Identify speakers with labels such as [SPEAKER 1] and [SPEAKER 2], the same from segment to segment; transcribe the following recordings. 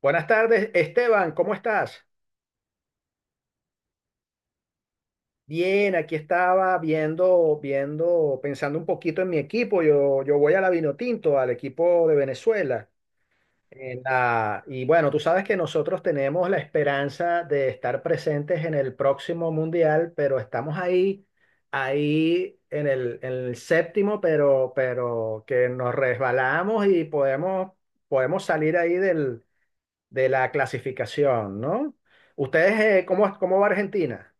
[SPEAKER 1] Buenas tardes, Esteban, ¿cómo estás? Bien, aquí estaba viendo, pensando un poquito en mi equipo. Yo voy a la Vinotinto, al equipo de Venezuela. Y bueno, tú sabes que nosotros tenemos la esperanza de estar presentes en el próximo mundial, pero estamos ahí en el séptimo, pero que nos resbalamos y podemos salir ahí de la clasificación, ¿no? ¿Ustedes cómo va Argentina?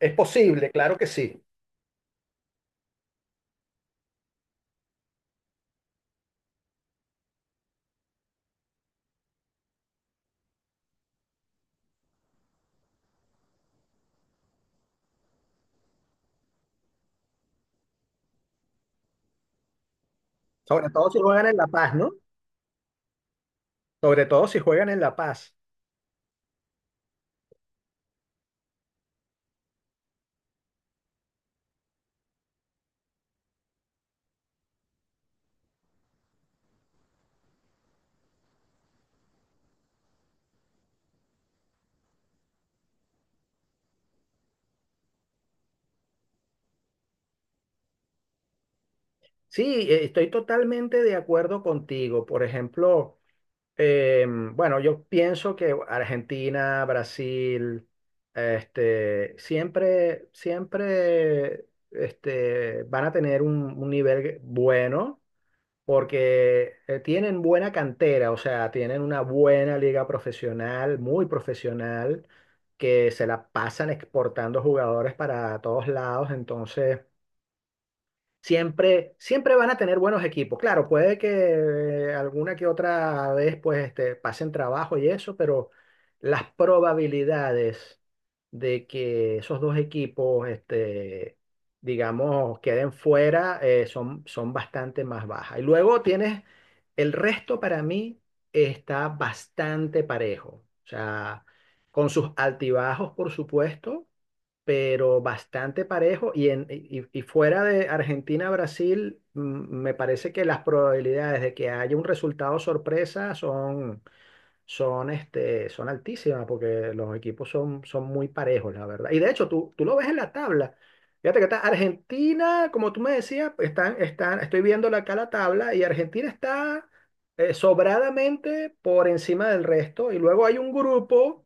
[SPEAKER 1] Es posible, claro que sí. Sobre todo si juegan en La Paz, ¿no? Sobre todo si juegan en La Paz. Sí, estoy totalmente de acuerdo contigo. Por ejemplo, bueno, yo pienso que Argentina, Brasil, este, siempre, este, van a tener un nivel bueno porque tienen buena cantera, o sea, tienen una buena liga profesional, muy profesional, que se la pasan exportando jugadores para todos lados, entonces siempre van a tener buenos equipos. Claro, puede que alguna que otra vez pues este, pasen trabajo y eso, pero las probabilidades de que esos dos equipos, este, digamos, queden fuera son bastante más bajas. Y luego tienes el resto para mí está bastante parejo. O sea, con sus altibajos, por supuesto, pero bastante parejo. Y fuera de Argentina-Brasil, me parece que las probabilidades de que haya un resultado sorpresa son altísimas, porque los equipos son muy parejos, la verdad. Y de hecho, tú lo ves en la tabla. Fíjate que está Argentina, como tú me decías, estoy viendo acá la tabla y Argentina está sobradamente por encima del resto. Y luego hay un grupo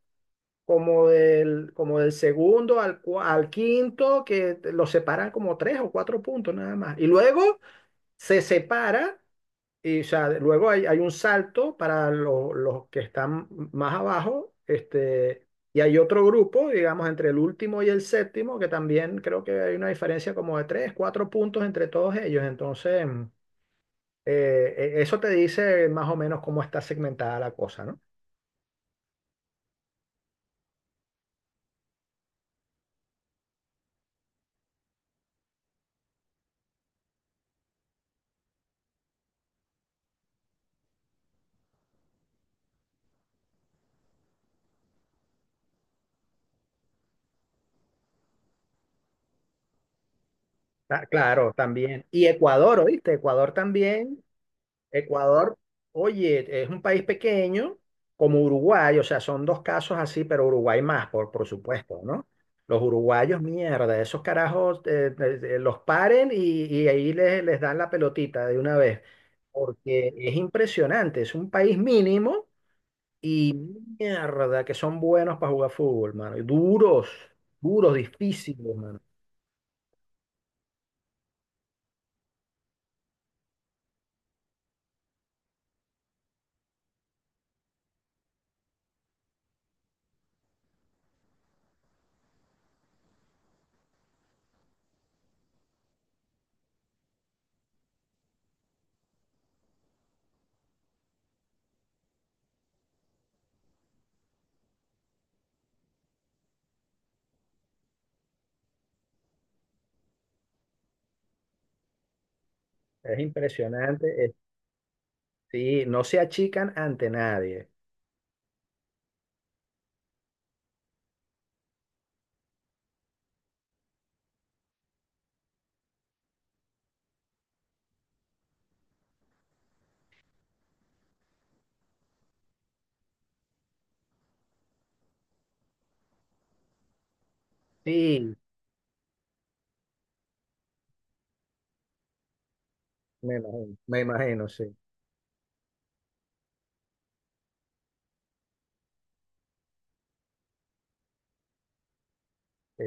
[SPEAKER 1] como del segundo al quinto, que los separan como tres o cuatro puntos nada más. Y luego se separa, y o sea, luego hay un salto para los que están más abajo, este, y hay otro grupo, digamos, entre el último y el séptimo, que también creo que hay una diferencia como de tres, cuatro puntos entre todos ellos. Entonces, eso te dice más o menos cómo está segmentada la cosa, ¿no? Ah, claro, también. Y Ecuador, ¿oíste? Ecuador también. Ecuador, oye, es un país pequeño como Uruguay, o sea, son dos casos así, pero Uruguay más, por supuesto, ¿no? Los uruguayos, mierda, esos carajos los paren y ahí les dan la pelotita de una vez, porque es impresionante, es un país mínimo y mierda, que son buenos para jugar fútbol, mano, y duros, duros, difíciles, mano. Es impresionante, sí, no se achican ante nadie. Sí, me imagino, me imagino, sí. Sí,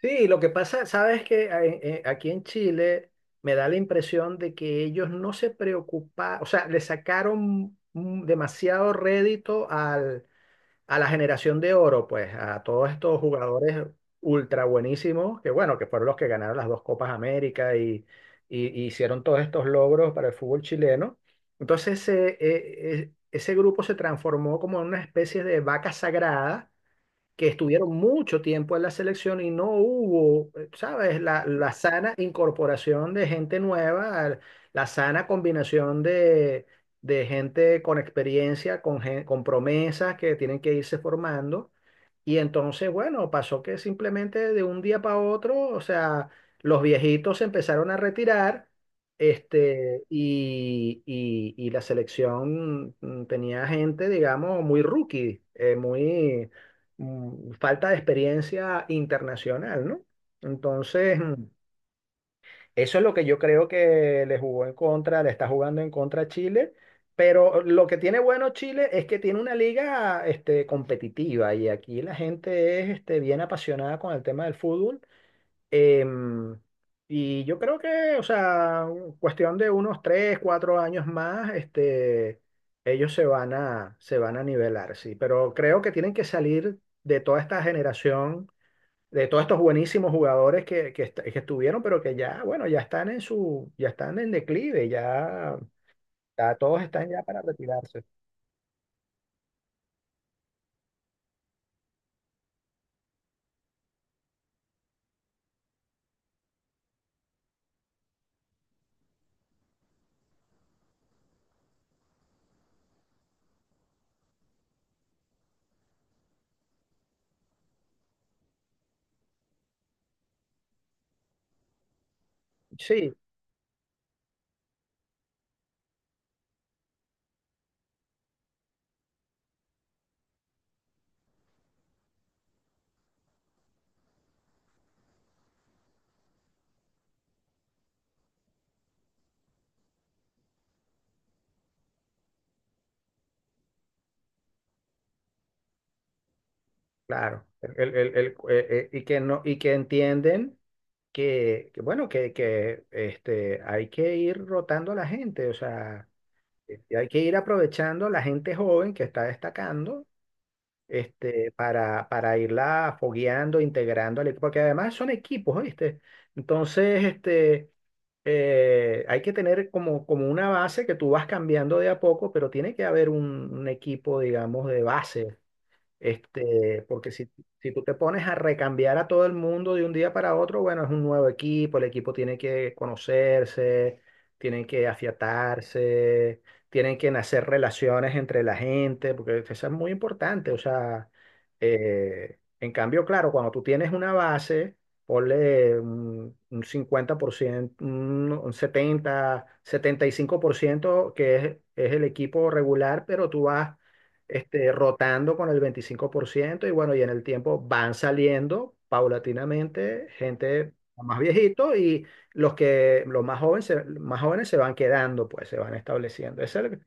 [SPEAKER 1] sí, lo que pasa, sabes que aquí en Chile me da la impresión de que ellos no se preocuparon, o sea, le sacaron demasiado rédito a la generación de oro, pues, a todos estos jugadores ultra buenísimos, que bueno, que fueron los que ganaron las dos Copas América y hicieron todos estos logros para el fútbol chileno. Entonces, ese grupo se transformó como en una especie de vaca sagrada que estuvieron mucho tiempo en la selección y no hubo, ¿sabes? La sana incorporación de gente nueva, la sana combinación de gente con experiencia, con promesas que tienen que irse formando. Y entonces, bueno, pasó que simplemente de un día para otro, o sea, los viejitos se empezaron a retirar, este, y la selección tenía gente, digamos, muy rookie, muy falta de experiencia internacional, ¿no? Entonces, eso es lo que yo creo que le jugó en contra, le está jugando en contra a Chile, pero lo que tiene bueno Chile es que tiene una liga este, competitiva y aquí la gente es este, bien apasionada con el tema del fútbol. Em, y yo creo que, o sea, cuestión de unos tres, cuatro años más, este, ellos se van a nivelar, sí, pero creo que tienen que salir de toda esta generación de todos estos buenísimos jugadores que estuvieron, pero que ya, bueno, ya están en declive, ya todos están ya para retirarse. Sí, claro. Y que no, y que entienden bueno, que este, hay que ir rotando a la gente, o sea, hay que ir aprovechando a la gente joven que está destacando este, para irla fogueando, integrando al equipo, porque además son equipos, ¿viste? Entonces, este, hay que tener como, como una base que tú vas cambiando de a poco, pero tiene que haber un equipo, digamos, de base este, porque si tú te pones a recambiar a todo el mundo de un día para otro, bueno, es un nuevo equipo, el equipo tiene que conocerse, tienen que afiatarse, tienen que nacer relaciones entre la gente, porque eso es muy importante. O sea, en cambio, claro, cuando tú tienes una base, ponle un 50%, un setenta y cinco por ciento que es el equipo regular, pero tú vas este, rotando con el 25% y bueno, y en el tiempo van saliendo paulatinamente gente más viejito y los que los más jóvenes se van quedando, pues se van estableciendo.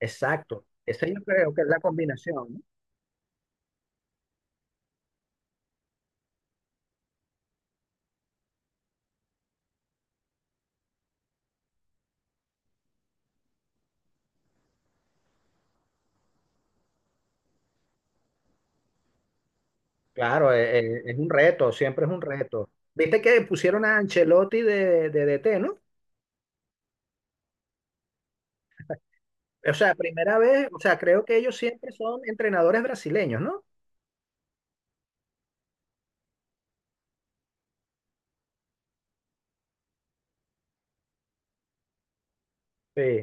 [SPEAKER 1] Exacto. Esa yo creo que es la combinación, ¿no? Claro, un reto, siempre es un reto. Viste que pusieron a Ancelotti de DT, ¿no? O sea, primera vez, o sea, creo que ellos siempre son entrenadores brasileños, ¿no? Sí,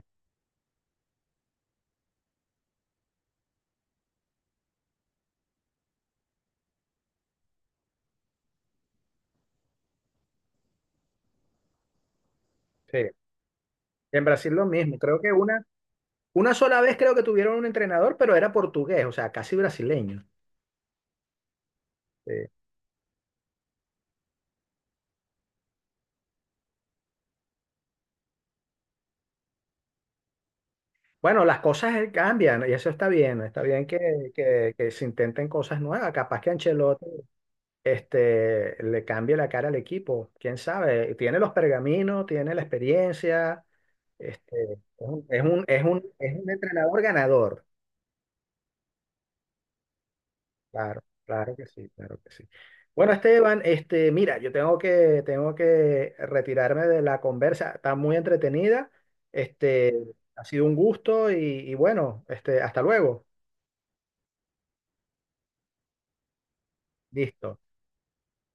[SPEAKER 1] sí. En Brasil lo mismo. Creo que una sola vez creo que tuvieron un entrenador, pero era portugués, o sea, casi brasileño. Sí. Bueno, las cosas cambian y eso está bien que se intenten cosas nuevas. Capaz que Ancelotti este, le cambie la cara al equipo, quién sabe. Tiene los pergaminos, tiene la experiencia, este, es un entrenador ganador. Claro, claro que sí, claro que sí. Bueno, Esteban, este, mira, yo tengo que retirarme de la conversa. Está muy entretenida. Este, ha sido un gusto y bueno, este, hasta luego. Listo.